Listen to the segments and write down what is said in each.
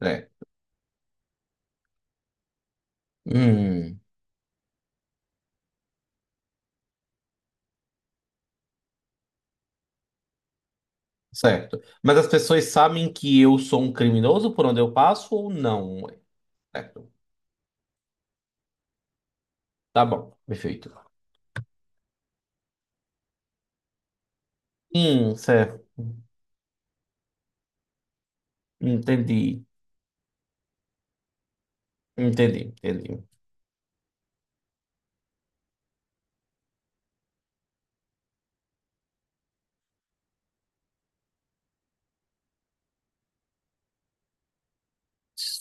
É. Hum, certo. Mas as pessoas sabem que eu sou um criminoso por onde eu passo ou não? Certo. Tá bom, perfeito. Certo. Entendi. Entendi.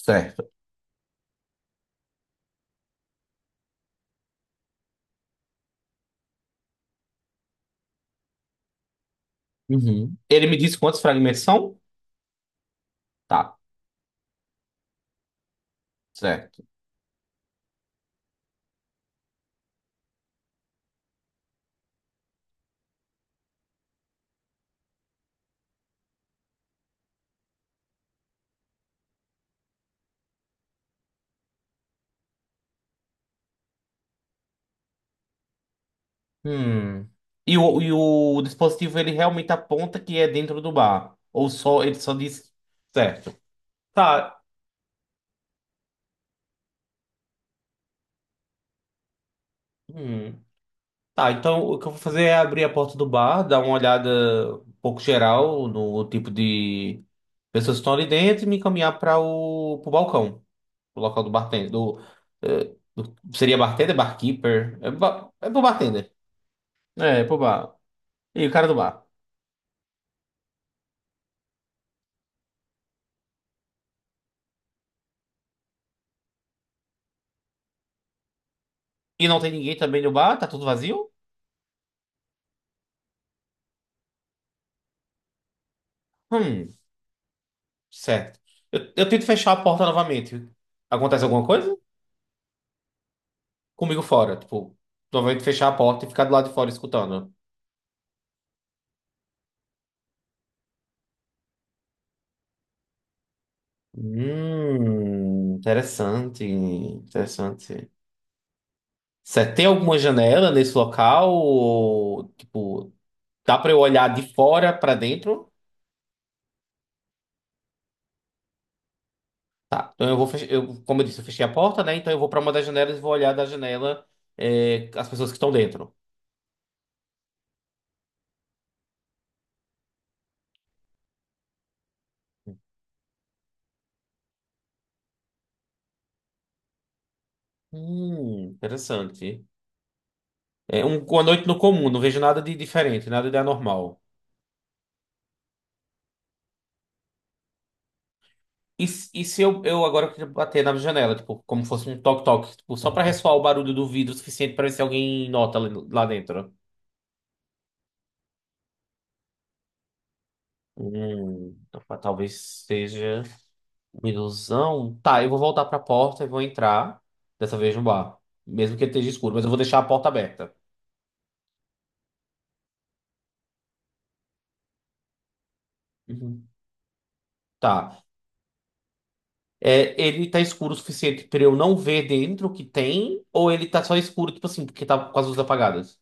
Certo. Uhum. Ele me disse quantos fragmentos são? Tá, certo. Hum. E o dispositivo ele realmente aponta que é dentro do bar? Ou só ele só diz certo? Tá. Hum. Tá, então o que eu vou fazer é abrir a porta do bar, dar uma olhada um pouco geral no tipo de pessoas que estão ali dentro e me encaminhar para o pro balcão, o local do bartender. Do, seria bartender, barkeeper? É pro bartender. É, é pro bar. E o cara do bar? E não tem ninguém também no bar? Tá tudo vazio? Hum, certo. Eu tento fechar a porta novamente. Acontece alguma coisa? Comigo fora, tipo, novamente fechar a porta e ficar do lado de fora escutando. Interessante. Você tem alguma janela nesse local? Ou, tipo, dá pra eu olhar de fora pra dentro? Tá, então eu vou eu, como eu disse, eu fechei a porta, né? Então eu vou pra uma das janelas e vou olhar da janela é, as pessoas que estão dentro. Interessante. É um, uma noite no comum, não vejo nada de diferente, nada de anormal. E se eu agora queria bater na janela, tipo, como fosse um toque-toque, tipo, só pra ressoar o barulho do vidro o suficiente pra ver se alguém nota lá dentro? Opa, talvez seja uma ilusão. Tá, eu vou voltar pra porta e vou entrar, dessa vez no bar, mesmo que ele esteja escuro, mas eu vou deixar a porta aberta. Uhum. Tá. É, ele tá escuro o suficiente pra eu não ver dentro o que tem, ou ele tá só escuro, tipo assim, porque tá com as luzes apagadas?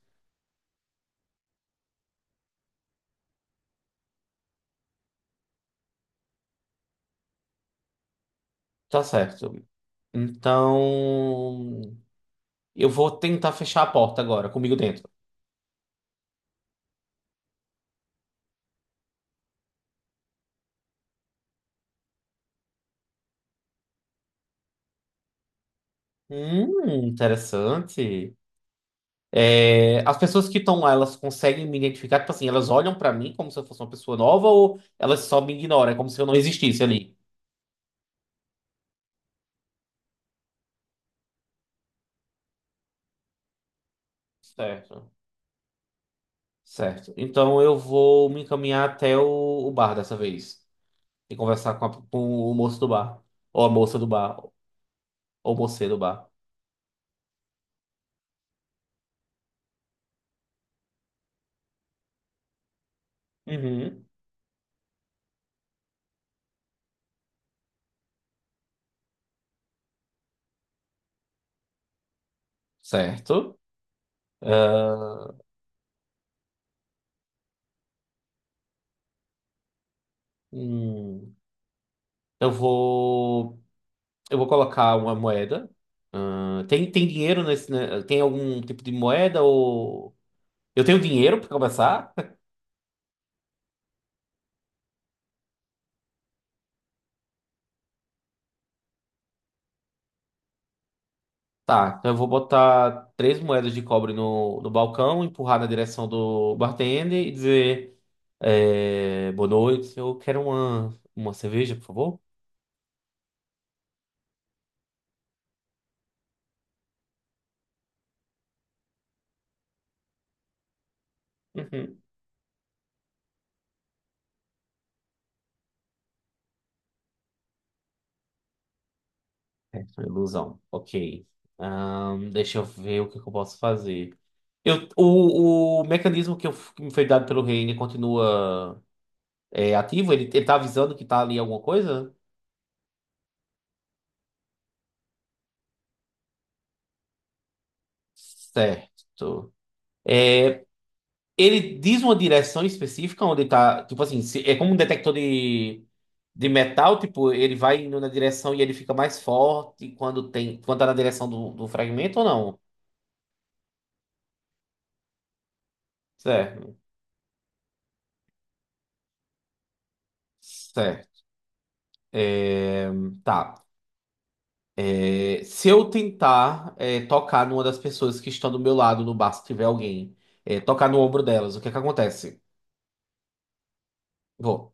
Tá certo. Então. Eu vou tentar fechar a porta agora, comigo dentro. Interessante. É, as pessoas que estão lá, elas conseguem me identificar? Tipo assim, elas olham pra mim como se eu fosse uma pessoa nova ou elas só me ignoram? É como se eu não existisse ali. Certo. Certo. Então eu vou me encaminhar até o bar dessa vez e conversar com o moço do bar. Ou a moça do bar. Ou o moço do bar. Uhum. Certo. Ah, hum, eu vou. Eu vou colocar uma moeda. Ah, tem dinheiro nesse, né? Tem algum tipo de moeda ou. Eu tenho dinheiro para começar? Tá, então eu vou botar 3 moedas de cobre no balcão, empurrar na direção do bartender e dizer: Boa noite, eu quero uma cerveja, por favor. Uhum. É, foi ilusão. Ok. Deixa eu ver que eu posso fazer. O mecanismo que me foi dado pelo Reine continua. É ativo? Ele tá avisando que tá ali alguma coisa? Certo. É, ele diz uma direção específica onde tá. Tipo assim, é como um detector de metal, tipo, ele vai indo na direção e ele fica mais forte quando tem, quando tá na direção do fragmento ou não? Certo. Certo. É, tá. É, se eu tentar tocar numa das pessoas que estão do meu lado no bar, se tiver alguém, tocar no ombro delas, o que é que acontece? Vou.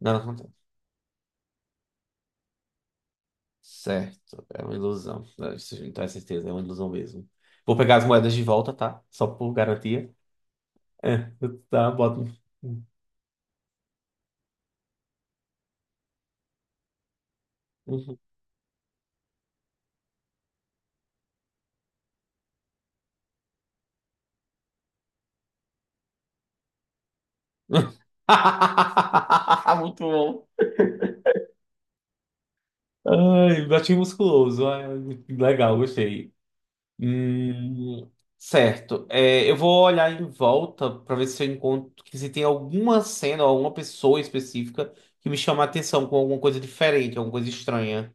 Não, certo, é uma ilusão. Não, isso não tem certeza, é uma ilusão mesmo. Vou pegar as moedas de volta, tá? Só por garantia. É, tá, bota. Uhum. Muito bom. Ai, gatinho musculoso. Ai, legal, gostei. Hum, certo. É, eu vou olhar em volta para ver se eu encontro que se tem alguma cena ou alguma pessoa específica que me chama a atenção com alguma coisa diferente, alguma coisa estranha.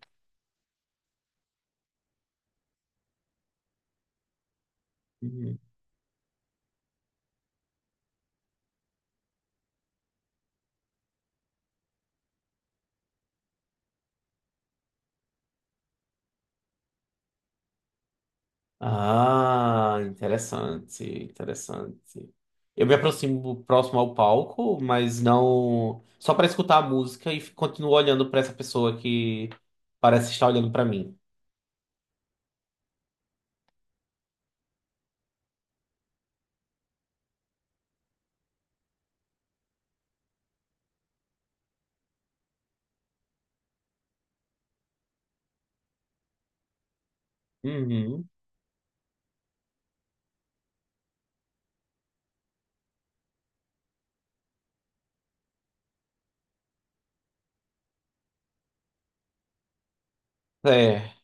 Ah, interessante. Eu me aproximo próximo ao palco, mas não só para escutar a música e continuo olhando para essa pessoa que parece estar olhando para mim. Uhum, certo.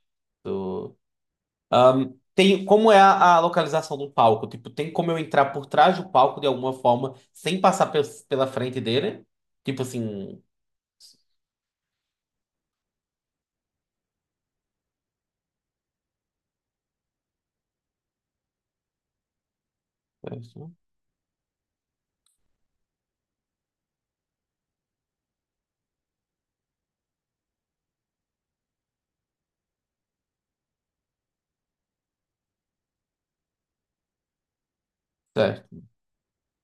Tem como é a localização do palco? Tipo, tem como eu entrar por trás do palco de alguma forma sem passar pela frente dele? Tipo assim, certo.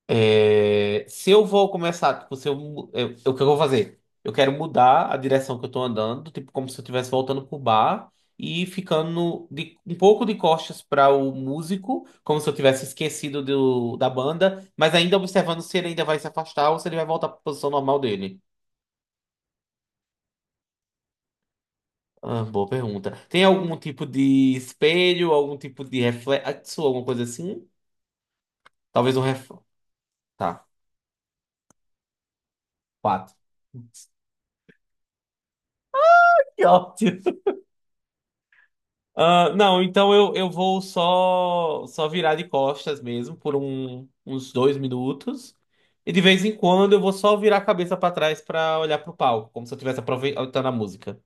É, se eu vou começar, tipo, se eu, mu- eu- o que eu vou fazer? Eu quero mudar a direção que eu tô andando, tipo, como se eu estivesse voltando pro bar e ficando de, um pouco de costas para o músico, como se eu tivesse esquecido da banda, mas ainda observando se ele ainda vai se afastar ou se ele vai voltar para a posição normal dele. Ah, boa pergunta. Tem algum tipo de espelho, algum tipo de reflexo, alguma coisa assim? Talvez um reflexo. Tá, 4. Que ótimo. Ah, não, então eu vou só virar de costas mesmo por uns 2 minutos. E de vez em quando eu vou só virar a cabeça pra trás pra olhar pro palco, como se eu estivesse aproveitando a música.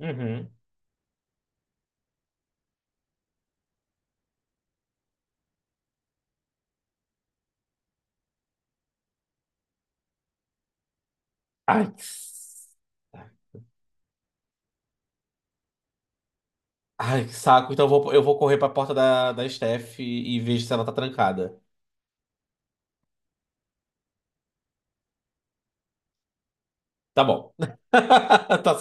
Uhum. Ai, que s- Ai, que saco. Então eu vou correr pra porta da Steph e vejo se ela tá trancada. Tá bom. Tá